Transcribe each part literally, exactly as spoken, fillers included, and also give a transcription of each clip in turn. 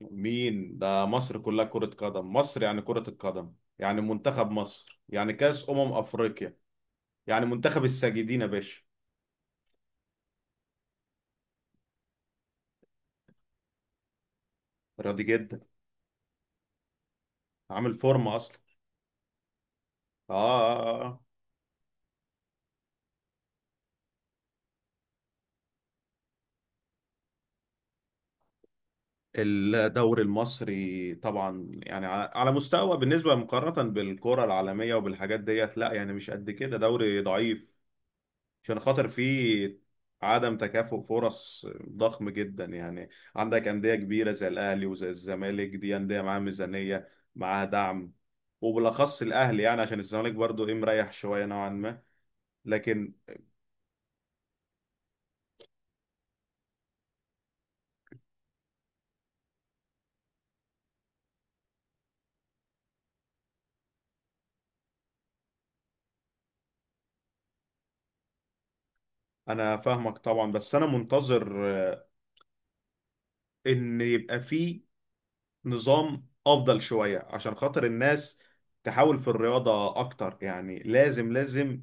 مين ده؟ مصر كلها كرة قدم، مصر يعني كرة القدم، يعني منتخب مصر، يعني كأس أمم أفريقيا، يعني منتخب الساجدين يا باشا. راضي جدا. عامل فورمة أصلا. آه آه، آه. الدوري المصري طبعا، يعني ع- على مستوى بالنسبة، مقارنة بالكرة العالمية وبالحاجات ديت، لا يعني مش قد كده، دوري ضعيف عشان خاطر في عدم تكافؤ فرص ضخم جدا. يعني عندك أندية كبيرة زي الأهلي وزي الزمالك، دي أندية معاها ميزانية، معاها دعم، وبالأخص الأهلي، يعني عشان الزمالك برضو إيه، مريح شوية نوعا ما، لكن أنا فاهمك طبعا. بس أنا منتظر، آه، إن يبقى في نظام أفضل شوية عشان خاطر الناس تحاول في الرياضة أكتر، يعني لازم لازم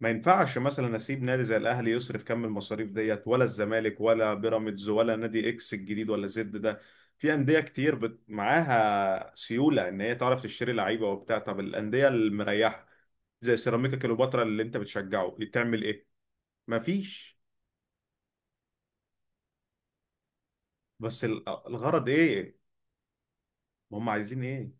ما ينفعش مثلا اسيب نادي زي الاهلي يصرف كم المصاريف ديت، ولا الزمالك ولا بيراميدز ولا نادي اكس الجديد ولا زد ده. في انديه كتير بت... معاها سيوله، ان هي تعرف تشتري لعيبه وبتاع. طب الانديه المريحه زي سيراميكا كليوباترا اللي انت بتشجعه تعمل ايه؟ مفيش. بس ال- الغرض ايه؟ هم عايزين ايه؟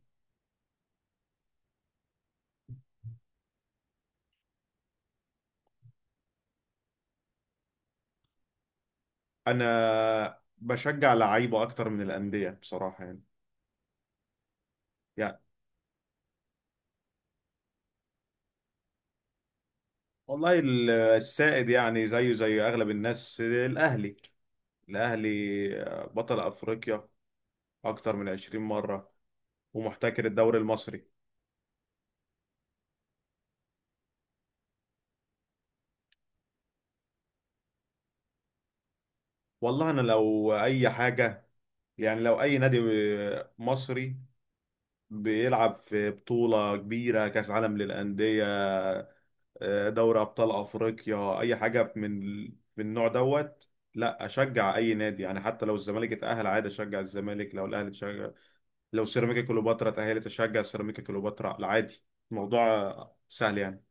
انا بشجع لعيبه اكتر من الانديه بصراحه يعني. يعني والله ال- السائد، يعني زيه زي اغلب الناس، الاهلي. الأهلي بطل أفريقيا أكتر من عشرين مرة، ومحتكر الدوري المصري. والله أنا لو أي حاجة، يعني لو أي نادي آه، مصري بيلعب في بطولة كبيرة، كأس عالم للأندية، آه، دوري أبطال أفريقيا، أي حاجة من من النوع دوت، لا أشجع أي نادي. يعني حتى لو الزمالك اتأهل عادي أشجع الزمالك، لو الأهلي تشجع، لو سيراميكا كليوباترا اتأهلت أشجع سيراميكا كليوباترا عادي. الموضوع سهل يعني.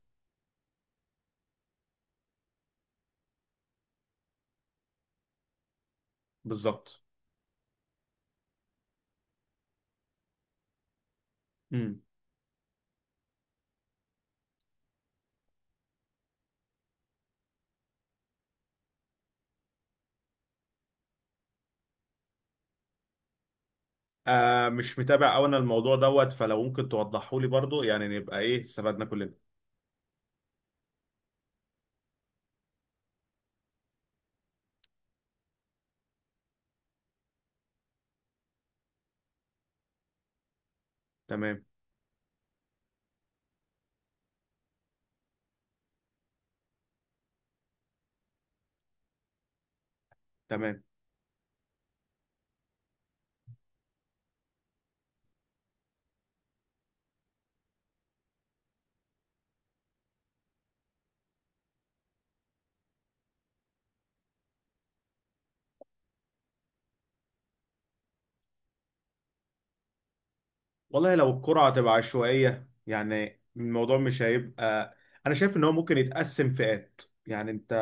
بالظبط. مم. آه، مش متابع أوي أنا الموضوع دوت، فلو ممكن توضحه لي برضو، يعني نبقى إيه، استفدنا كلنا. تمام. تمام. والله لو الكرة هتبقى عشوائية يعني الموضوع مش هيبقى. أنا شايف إن هو ممكن يتقسم فئات، يعني أنت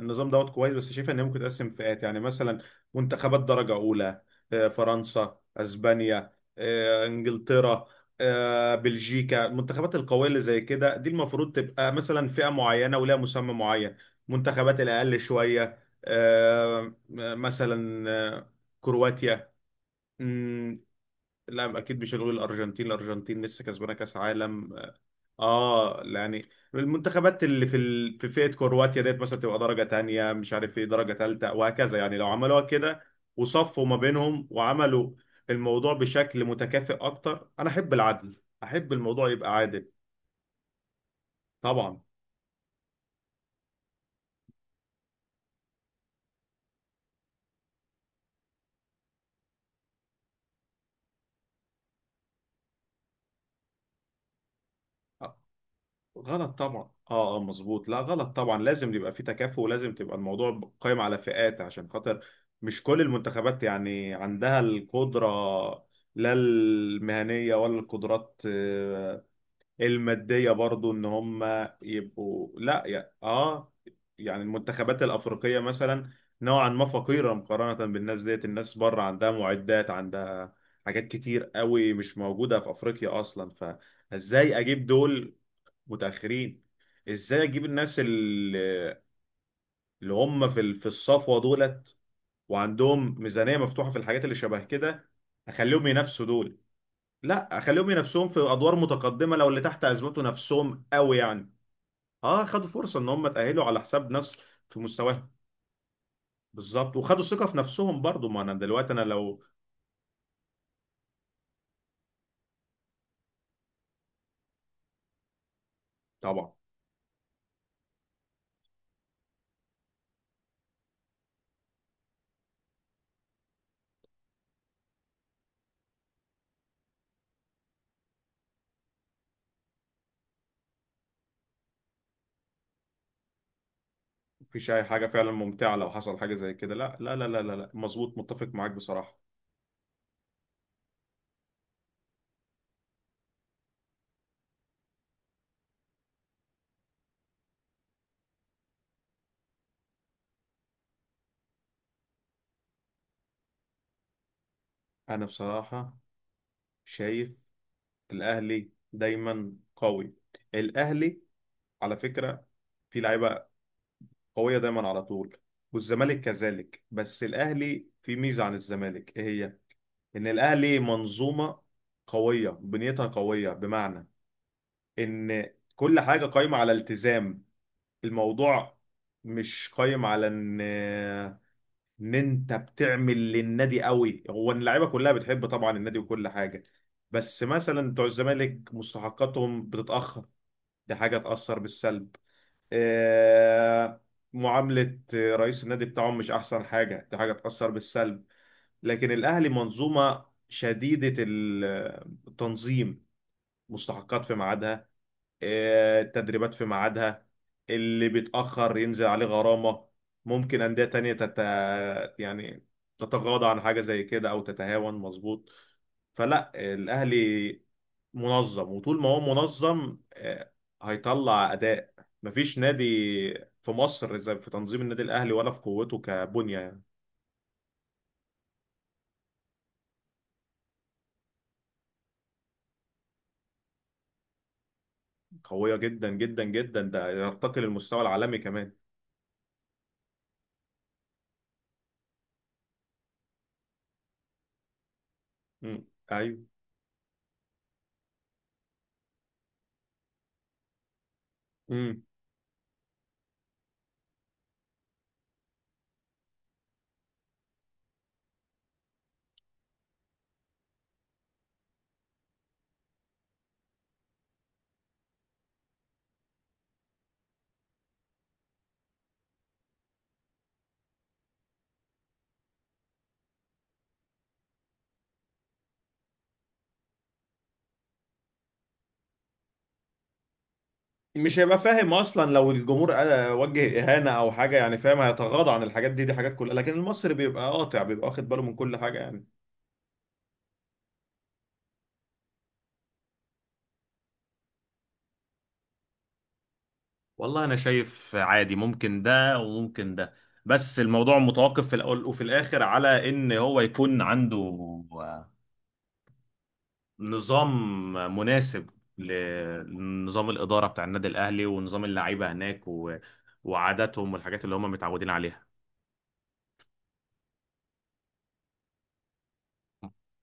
النظام دوت كويس، بس شايف إن هي ممكن يتقسم فئات، يعني مثلا منتخبات درجة أولى، آه، فرنسا، أسبانيا، آه، إنجلترا، آه، بلجيكا، المنتخبات القوية اللي زي كده دي المفروض تبقى مثلا فئة معينة ولها مسمى معين. منتخبات الأقل شوية، آه، مثلا آه، كرواتيا. لا اكيد مش هنقول الارجنتين، الارجنتين لسه كسبانه كاس عالم. اه يعني المنتخبات اللي في ال... في فئه كرواتيا ديت مثلا تبقى درجه تانية، مش عارف ايه، درجه تالتة وهكذا. يعني لو عملوها كده وصفوا ما بينهم وعملوا الموضوع بشكل متكافئ اكتر، انا احب العدل، احب الموضوع يبقى عادل. طبعا. غلط طبعا، اه اه مظبوط، لا غلط طبعا، لازم يبقى في تكافؤ ولازم تبقى الموضوع قائم على فئات عشان خاطر مش كل المنتخبات يعني عندها القدرة، لا المهنية ولا القدرات، آه، المادية برضو، ان هم يبقوا لا يا اه. يعني المنتخبات الأفريقية مثلا نوعا ما فقيرة مقارنة بالناس ديت، الناس بره عندها معدات، عندها حاجات كتير قوي مش موجودة في أفريقيا أصلا، ف ازاي اجيب دول متأخرين؟ ازاي اجيب الناس ال- اللي هم في ال- في الصفوة دولت وعندهم ميزانية مفتوحة في الحاجات اللي شبه كده، اخليهم ينافسوا دول؟ لا، اخليهم ينافسوهم في ادوار متقدمة لو اللي تحت ازمته نفسهم قوي يعني. اه خدوا فرصة ان هم تأهلوا على حساب ناس في مستواهم. بالظبط. وخدوا ثقة في نفسهم برضو، ما انا دلوقتي انا لو طبعا مفيش اي حاجة فعلا ممتعة لو حصل حاجة زي كده. لا لا لا لا لا لا. مظبوط، متفق معاك بصراحة. انا بصراحة شايف الاهلي دايما قوي، الاهلي على فكره في لعيبه قويه دايما على طول، والزمالك كذلك. بس الاهلي في ميزه عن الزمالك، ايه هي؟ ان الاهلي منظومه قويه، بنيتها قويه، بمعنى ان كل حاجه قايمه على التزام. الموضوع مش قايم على ان ان انت بتعمل للنادي قوي، هو إن اللعيبه كلها بتحب طبعا النادي وكل حاجه، بس مثلا بتوع الزمالك مستحقاتهم بتتاخر، دي حاجة تأثر بالسلب، آه، معاملة رئيس النادي بتاعهم مش أحسن حاجة، دي حاجة تأثر بالسلب. لكن الأهلي منظومة شديدة ال- التنظيم، مستحقات في ميعادها، آه، التدريبات في ميعادها، اللي بيتأخر ينزل عليه غرامة. ممكن أندية تانية تت... يعني تتغاضى عن حاجة زي كده أو تتهاون. مظبوط. فلا، الأهلي منظم، وطول ما هو منظم آه، هيطلع أداء. مفيش نادي في مصر زي في تنظيم النادي الأهلي، ولا في قوته كبنية يعني. قوية جدا جدا جدا، ده يرتقي للمستوى العالمي كمان. مم. أيوه. مش هيبقى فاهم اصلا لو الجمهور آه، وجه اهانه او حاجه، يعني فاهم هيتغاضى عن الحاجات دي، دي حاجات كلها، لكن المصري بيبقى قاطع، بيبقى واخد باله من كل حاجه يعني. والله انا شايف عادي، ممكن ده وممكن ده، بس الموضوع متوقف في الاول وفي الاخر على ان هو يكون عنده آه، نظام مناسب لنظام الاداره بتاع النادي الاهلي ونظام اللعيبه هناك و... وعاداتهم والحاجات اللي هم متعودين عليها.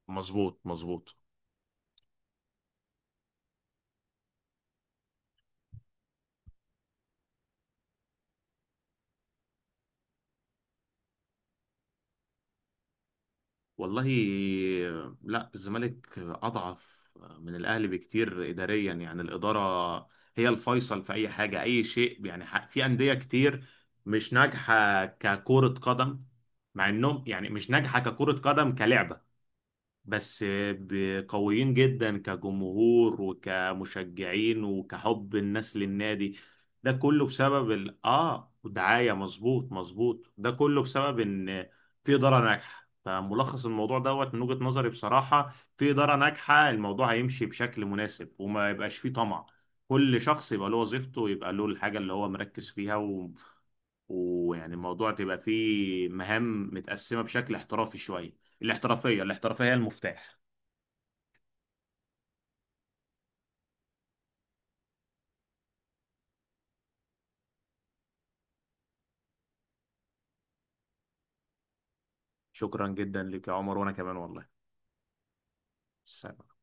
مظبوط. مظبوط. والله لا، الزمالك أضعف من الأهلي بكتير إداريا، يعني الإدارة هي الفيصل في أي حاجة أي شيء يعني. ح- في أندية كتير مش ناجحة ككرة قدم، مع إنهم يعني مش ناجحة ككرة قدم كلعبة، بس ب- قويين جدا كجمهور وكمشجعين وكحب الناس للنادي. ده كله بسبب ال... اه ودعاية. مظبوط مظبوط، ده كله بسبب ان في إدارة ناجحة. فملخص الموضوع دوت من وجهة نظري بصراحة، في إدارة ناجحة الموضوع هيمشي بشكل مناسب، وما يبقاش فيه طمع، كل شخص يبقى له وظيفته ويبقى له الحاجة اللي هو مركز فيها و... ويعني الموضوع تبقى فيه مهام متقسمة بشكل احترافي شوية. الاحترافية، الاحترافية هي المفتاح. شكرا جدا لك يا عمر، وانا كمان والله. سلام.